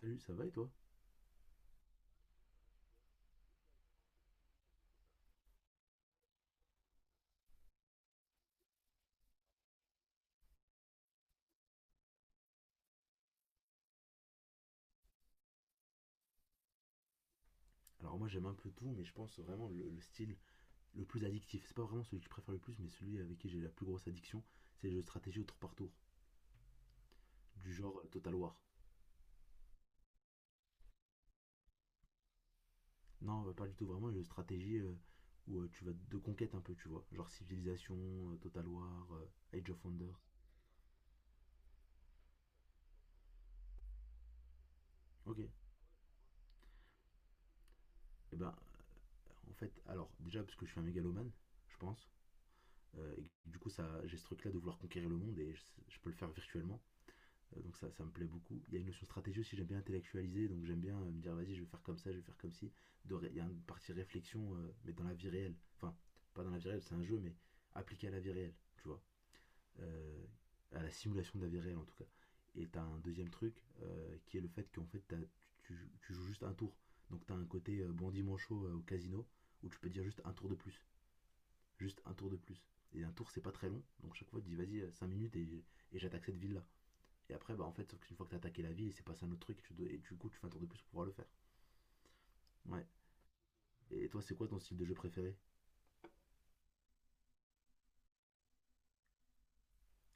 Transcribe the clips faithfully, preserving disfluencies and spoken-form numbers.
Salut, ça va et toi? Alors moi j'aime un peu tout, mais je pense vraiment le, le style le plus addictif. C'est pas vraiment celui que je préfère le plus, mais celui avec qui j'ai la plus grosse addiction, c'est les jeux de stratégie au tour par tour, du genre euh, Total War. Non, euh, pas du tout, vraiment les jeux de stratégie euh, où euh, tu vas de conquête un peu, tu vois. Genre Civilization, euh, Total War, euh, Age of Wonders. Ok. Et ben, euh, en fait, alors déjà parce que je suis un mégalomane, je pense. Euh, et que, du coup, ça, j'ai ce truc-là de vouloir conquérir le monde et je, je peux le faire virtuellement. Euh, donc ça, ça me plaît beaucoup. Il y a une notion de stratégie aussi, j'aime bien intellectualiser, donc j'aime bien euh, me dire vas-y, je vais faire comme ça, je vais faire comme ci. Il y a une partie réflexion, euh, mais dans la vie réelle. Enfin, pas dans la vie réelle, c'est un jeu, mais appliqué à la vie réelle, tu vois. Euh, à la simulation de la vie réelle en tout cas. Et t'as un deuxième truc euh, qui est le fait qu'en fait tu, tu- joues juste un tour. Donc t'as un côté euh, bon dimanche euh, au casino où tu peux dire juste un tour de plus. Juste un tour de plus. Et un tour c'est pas très long, donc chaque fois tu dis vas-y euh, cinq minutes et, et j'attaque cette ville là. Et après, bah en fait, sauf qu'une fois que t'as attaqué la ville, il s'est passé un autre truc, tu dois- et du coup, tu fais un tour de plus pour pouvoir le faire. Ouais. Et toi, c'est quoi ton style de jeu préféré?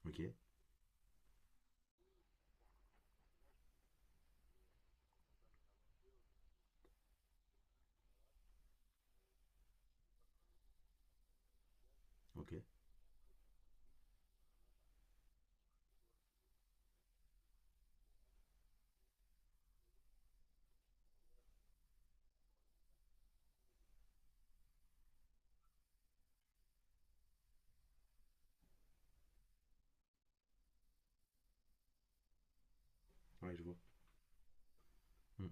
Ok, ok. Ouais, je vois. Hmm.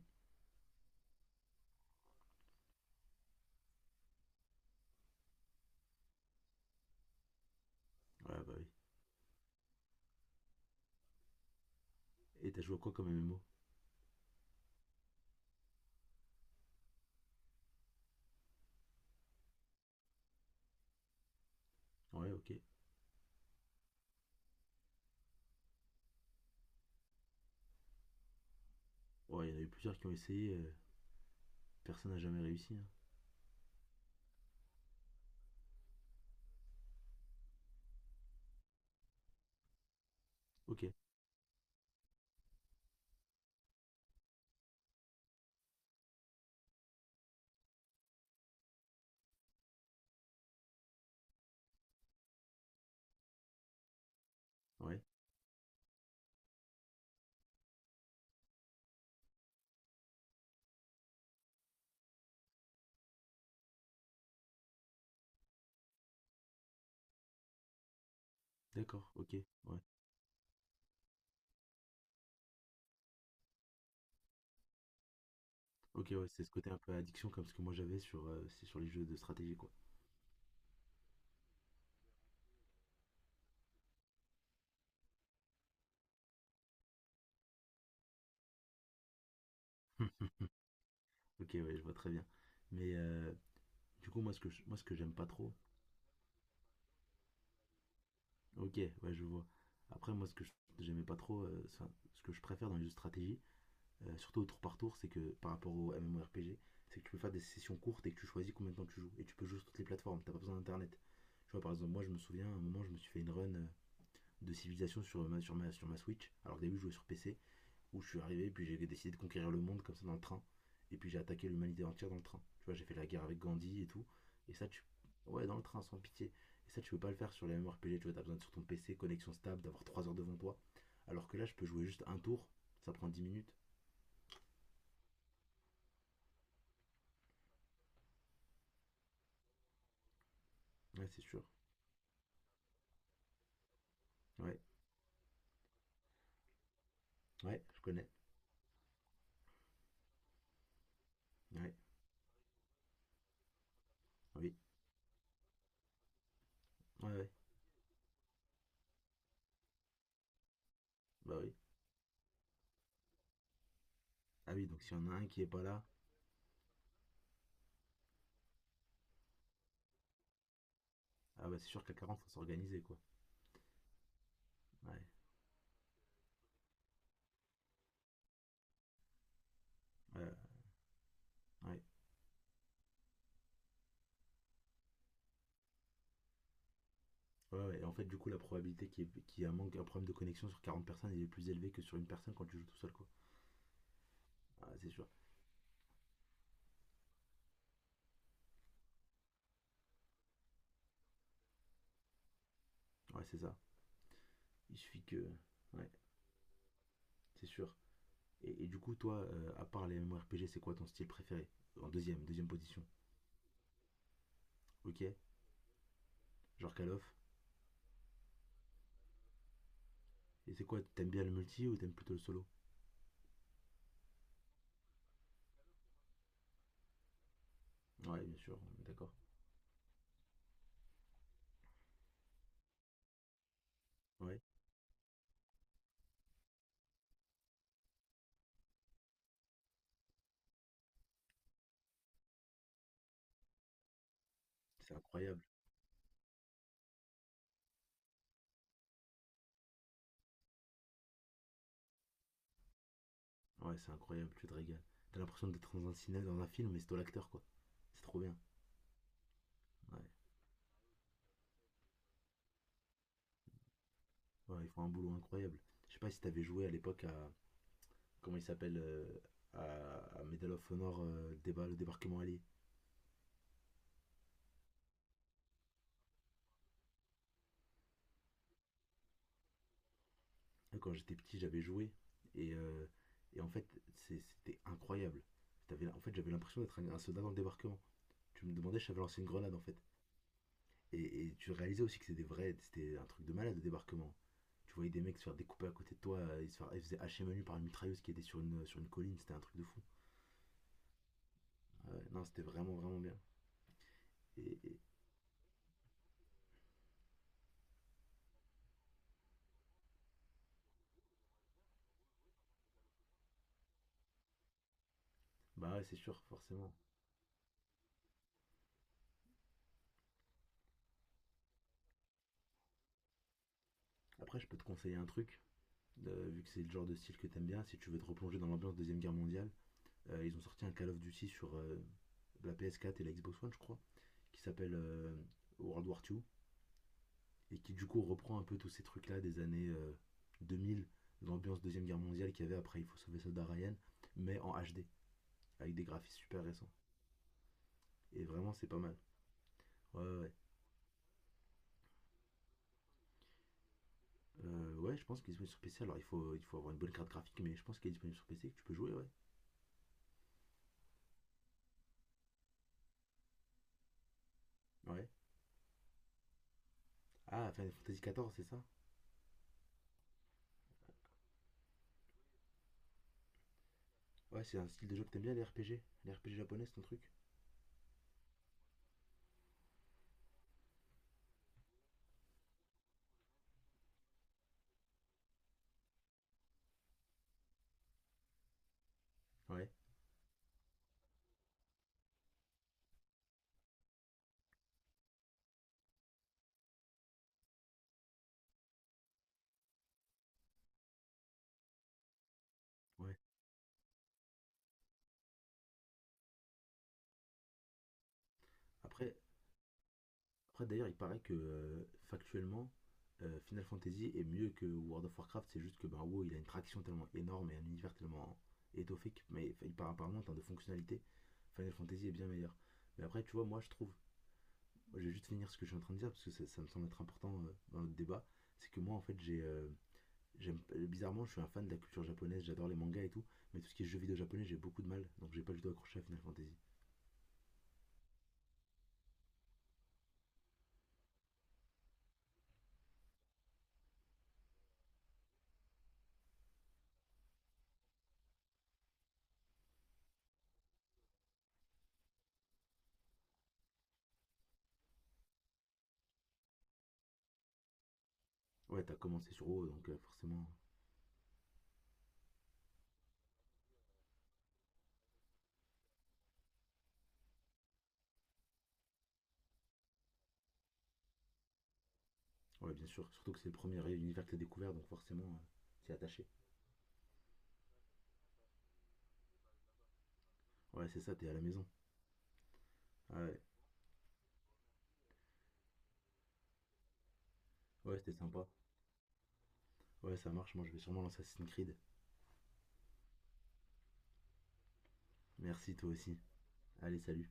Ouais, bah oui. Et t'as joué à quoi comme M M O? Ouais, ok. Ouais, il y en a eu plusieurs qui ont essayé, euh, personne n'a jamais réussi, hein. Ok, ouais, d'accord, ok, ouais. Ok, ouais, c'est ce côté un peu addiction comme ce que moi j'avais sur, euh, c'est sur les jeux de stratégie, quoi. ok, ouais, je vois très bien. Mais euh, du coup, moi, ce que je- moi, ce que j'aime pas trop, ok, ouais, je vois. Après, moi, ce que je- j'aimais pas trop, euh, enfin, ce que je préfère dans les jeux de stratégie, euh, surtout au tour par tour, c'est que par rapport au M M O R P G, c'est que tu peux faire des sessions courtes et que tu choisis combien de temps tu joues. Et tu peux jouer sur toutes les plateformes, t'as pas besoin d'internet. Tu vois, par exemple, moi, je me souviens, à un moment, je me suis fait une run euh, de civilisation sur ma, sur ma, sur ma Switch. Alors, au début, je jouais sur P C où je suis arrivé, puis j'ai décidé de conquérir le monde comme ça dans le train. Et puis j'ai attaqué l'humanité entière dans le train. Tu vois, j'ai fait la guerre avec Gandhi et tout. Et ça, tu. Ouais, dans le train, sans pitié. Et ça, tu peux pas le faire sur les M M O R P G. Tu vois, t'as besoin de sur ton P C, connexion stable, d'avoir trois heures devant toi. Alors que là, je peux jouer juste un tour. Ça prend dix minutes. Ouais, c'est sûr. Ouais, ouais, je connais. Ouais, oui. Ouais, ouais. Bah oui. Ah oui, donc s'il y en a un qui est pas là, ah bah c'est sûr qu'à quarante faut s'organiser, quoi. Ouais, ouais, ouais. Ouais, ouais. Et en fait, du coup, la probabilité qu'il y, ait- qu'il y ait un, manque, un problème de connexion sur quarante personnes elle est plus élevée que sur une personne quand tu joues tout seul, quoi. Ah, c'est sûr. Ouais, c'est ça. Il suffit que. Ouais, c'est sûr. Et, et du coup, toi, euh, à part les M M O R P G, c'est quoi ton style préféré? En deuxième, deuxième position. Ok. Genre Call of. Et c'est quoi? T'aimes bien le multi ou t'aimes plutôt le solo? Ouais, bien sûr, on est d'accord. Ouais, c'est incroyable. Ouais, c'est incroyable, tu te régales. T'as l'impression d'être dans un cinéma, dans un film, mais c'est toi l'acteur, quoi. C'est trop bien. Ouais, ouais, ils font un boulot incroyable. Je sais pas si t'avais joué à l'époque à comment il s'appelle euh, à, à Medal of Honor euh, déba- le débarquement allié. Quand j'étais petit, j'avais joué et, euh, et en fait, c'était incroyable. En fait, j'avais l'impression d'être un, un soldat dans le débarquement. Tu me demandais si j'avais lancé une grenade en fait. Et, et tu réalisais aussi que c'était des vrais, c'était un truc de malade le débarquement. Tu voyais des mecs se faire découper à côté de toi, euh, ils se, faire, ils se faisaient hacher menu par une mitrailleuse qui était sur une, sur une colline, c'était un truc de fou. Ouais, non, c'était vraiment vraiment bien. Et, et- bah ouais, c'est sûr, forcément. Après, je peux te conseiller un truc euh, vu que c'est le genre de style que t'aimes bien, si tu veux te replonger dans l'ambiance Deuxième Guerre mondiale, euh, ils ont sorti un Call of Duty sur euh, la P S quatre et la Xbox One, je crois, qui s'appelle euh, World War Two et qui du coup reprend un peu tous ces trucs-là des années euh, deux mille, l'ambiance Deuxième Guerre mondiale qu'il y avait après Il faut sauver Soldat Ryan, mais en H D, avec des graphismes super récents. Et vraiment, c'est pas mal. Ouais, ouais, ouais. Euh, ouais, je pense qu'il est disponible sur P C. Alors, il faut, il faut avoir une bonne carte graphique, mais je pense qu'il est disponible sur P C, que tu peux jouer, ouais. Ouais. Ah, Final Fantasy quatorze, c'est ça? Ouais, c'est un style de jeu que t'aimes bien, les R P G. Les R P G japonais, c'est ton truc? Ouais, ouais. Après, après d'ailleurs, il paraît que euh, factuellement, euh, Final Fantasy est mieux que World of Warcraft. C'est juste que ben, WoW, il a une traction tellement énorme et un univers tellement étoffé que, mais enfin, il part apparemment en termes de fonctionnalité, Final Fantasy est bien meilleur. Mais après, tu vois, moi, je trouve, moi, je vais juste finir ce que je suis en train de dire parce que ça, ça me semble être important euh, dans notre débat. C'est que moi, en fait, j'ai, euh, j'aime, bizarrement, je suis un fan de la culture japonaise. J'adore les mangas et tout, mais tout ce qui est jeux vidéo japonais, j'ai beaucoup de mal. Donc, j'ai pas du tout accroché à Final Fantasy. Ouais, t'as commencé sur WoW, donc euh, forcément. Ouais, bien sûr. Surtout que c'est le premier univers que t'as découvert, donc forcément, euh, t'y es attaché. Ouais, c'est ça, t'es à la maison. Ah ouais, ouais, c'était sympa. Ouais, ça marche. Moi, je vais sûrement lancer Assassin's Creed. Merci, toi aussi. Allez, salut.